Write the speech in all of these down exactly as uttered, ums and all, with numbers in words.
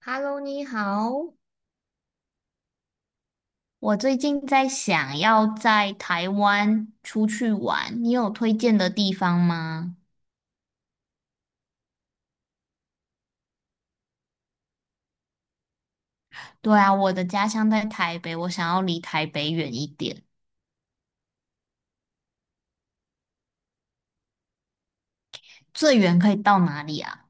Hello，你好。我最近在想要在台湾出去玩，你有推荐的地方吗？对啊，我的家乡在台北，我想要离台北远一点。最远可以到哪里啊？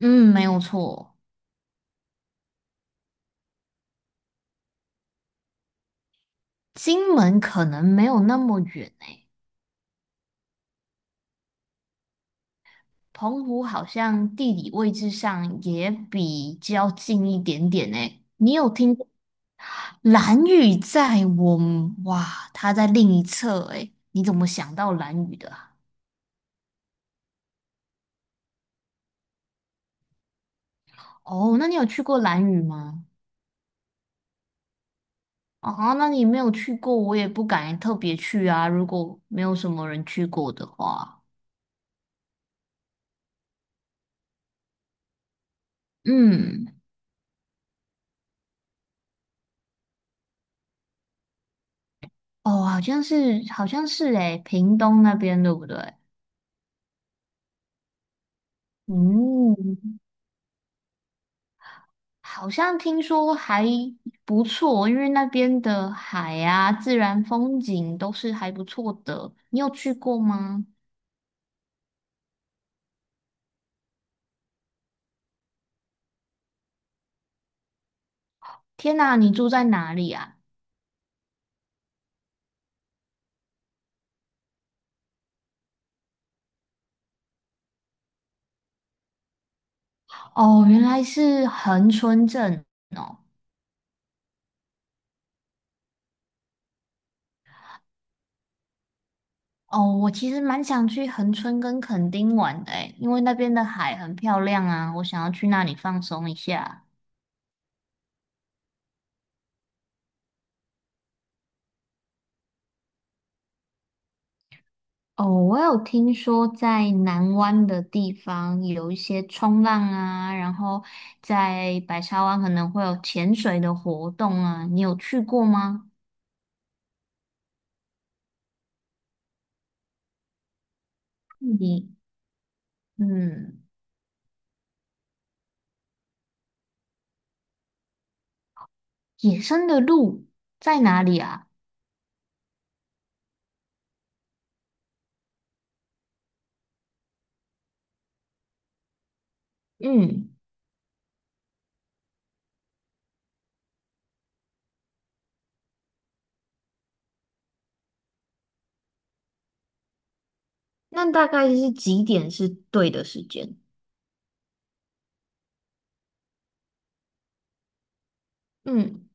嗯，没有错。金门可能没有那么远诶，澎湖好像地理位置上也比较近一点点诶。你有听过兰屿在我们，哇，他在另一侧诶，你怎么想到兰屿的啊？哦，那你有去过兰屿吗？啊，那你没有去过，我也不敢特别去啊。如果没有什么人去过的话，嗯。哦，好像是，好像是诶，屏东那边对不对？嗯，好像听说还不错，因为那边的海啊、自然风景都是还不错的。你有去过吗？天哪，你住在哪里啊？哦，原来是恒春镇哦。哦，我其实蛮想去恒春跟垦丁玩的诶，因为那边的海很漂亮啊，我想要去那里放松一下。哦，我有听说在南湾的地方有一些冲浪啊，然后在白沙湾可能会有潜水的活动啊，你有去过吗？你嗯，野生的鹿在哪里啊？嗯，那大概是几点是对的时间？嗯。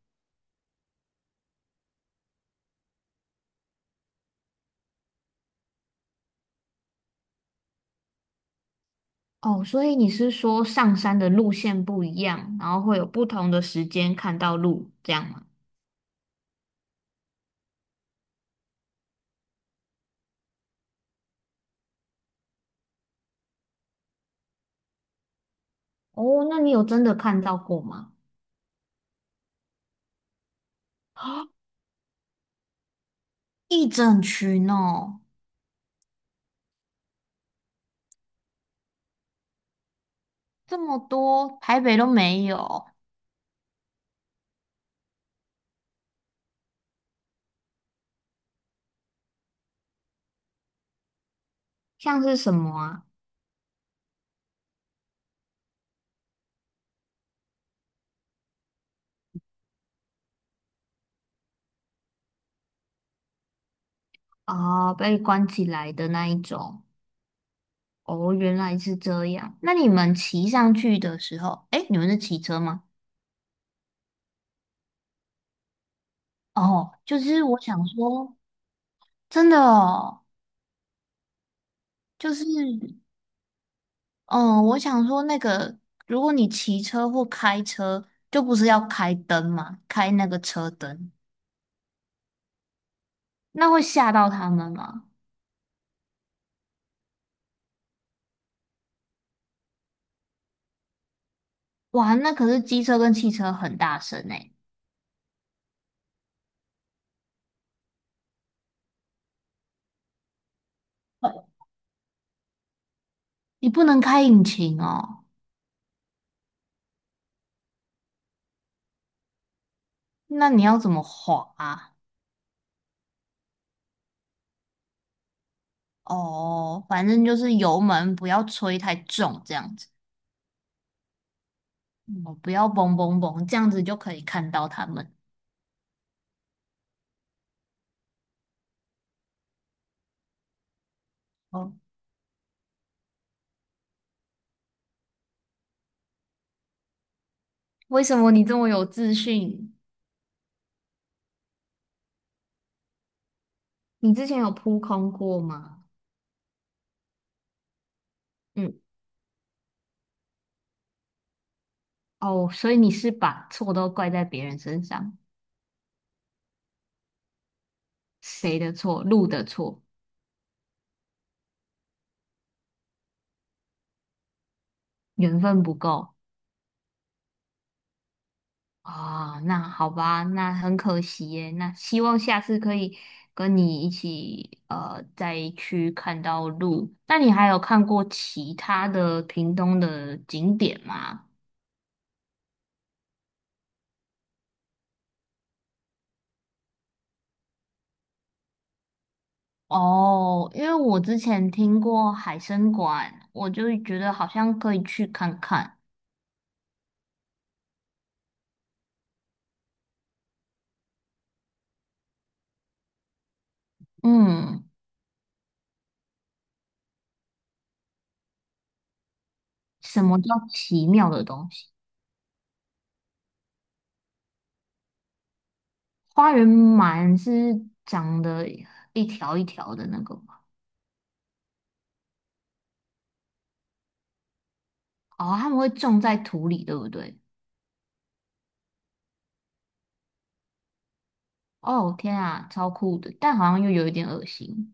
哦，所以你是说上山的路线不一样，然后会有不同的时间看到鹿，这样吗？哦，那你有真的看到过吗？啊，一整群哦，这么多，台北都没有。像是什么啊？啊，被关起来的那一种。哦，原来是这样。那你们骑上去的时候，诶，你们是骑车吗？哦，就是我想说，真的哦，就是。嗯，我想说那个，如果你骑车或开车，就不是要开灯嘛，开那个车灯，那会吓到他们吗？哇，那可是机车跟汽车很大声诶。你不能开引擎哦？那你要怎么滑啊？哦，反正就是油门不要吹太重，这样子。哦，不要嘣嘣嘣，这样子就可以看到他们。哦，为什么你这么有自信？你之前有扑空过吗？哦，所以你是把错都怪在别人身上。谁的错？路的错，缘分不够啊。那好吧，那很可惜耶。那希望下次可以跟你一起呃再去看到鹿。那你还有看过其他的屏东的景点吗？哦，因为我之前听过海参馆，我就觉得好像可以去看看。嗯，什么叫奇妙的东西？花园满是长得一条一条的那个吗？哦，他们会种在土里，对不对？哦，天啊，超酷的，但好像又有一点恶心。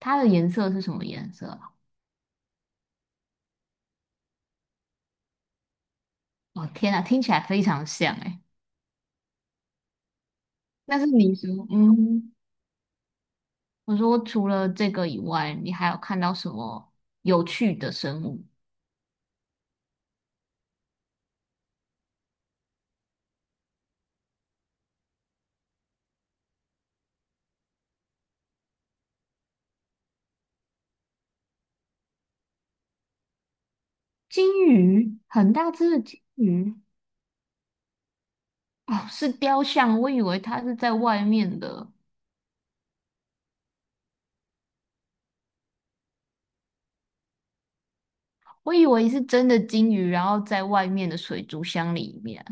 它的颜色是什么颜色啊？哦，天啊，听起来非常像诶。但是你说，嗯，我说除了这个以外，你还有看到什么有趣的生物？金鱼，很大只的金鱼。哦，是雕像，我以为它是在外面的。我以为是真的金鱼，然后在外面的水族箱里面。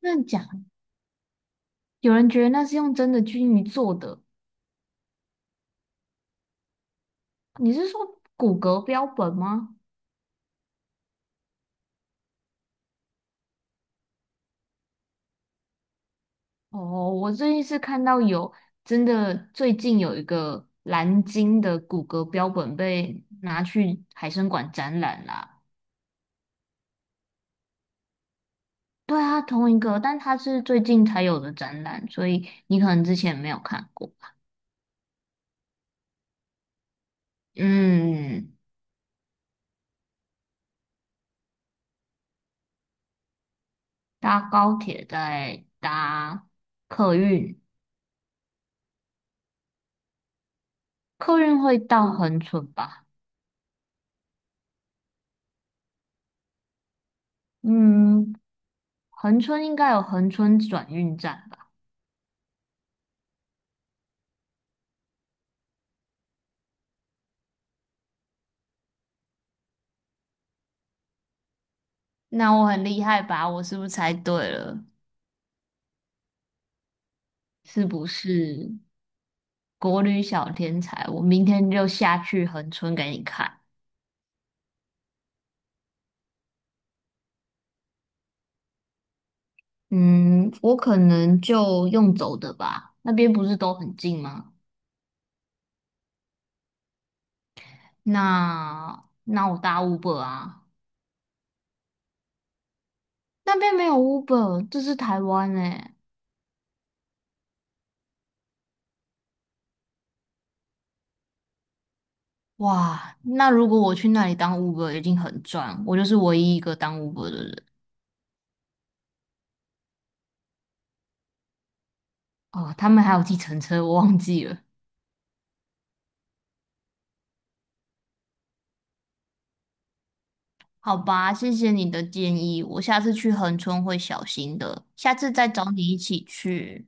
真的假的？有人觉得那是用真的金鱼做的，你是说骨骼标本吗？哦，我最近是看到有真的，最近有一个蓝鲸的骨骼标本被拿去海参馆展览啦。对啊，同一个，但它是最近才有的展览，所以你可能之前没有看过。嗯，搭高铁再搭客运。客运会到恒春吧？嗯，恒春应该有恒春转运站吧？那我很厉害吧？我是不是猜对了？是不是国旅小天才？我明天就下去恒春给你看。嗯，我可能就用走的吧，那边不是都很近吗？那那我搭 Uber 啊，那边没有 Uber，这是台湾诶。哇，那如果我去那里当 Uber 已经很赚，我就是唯一一个当 Uber 的人。哦，他们还有计程车，我忘记了。好吧，谢谢你的建议，我下次去恒春会小心的，下次再找你一起去。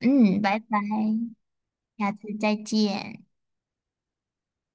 嗯，拜拜，下次再见。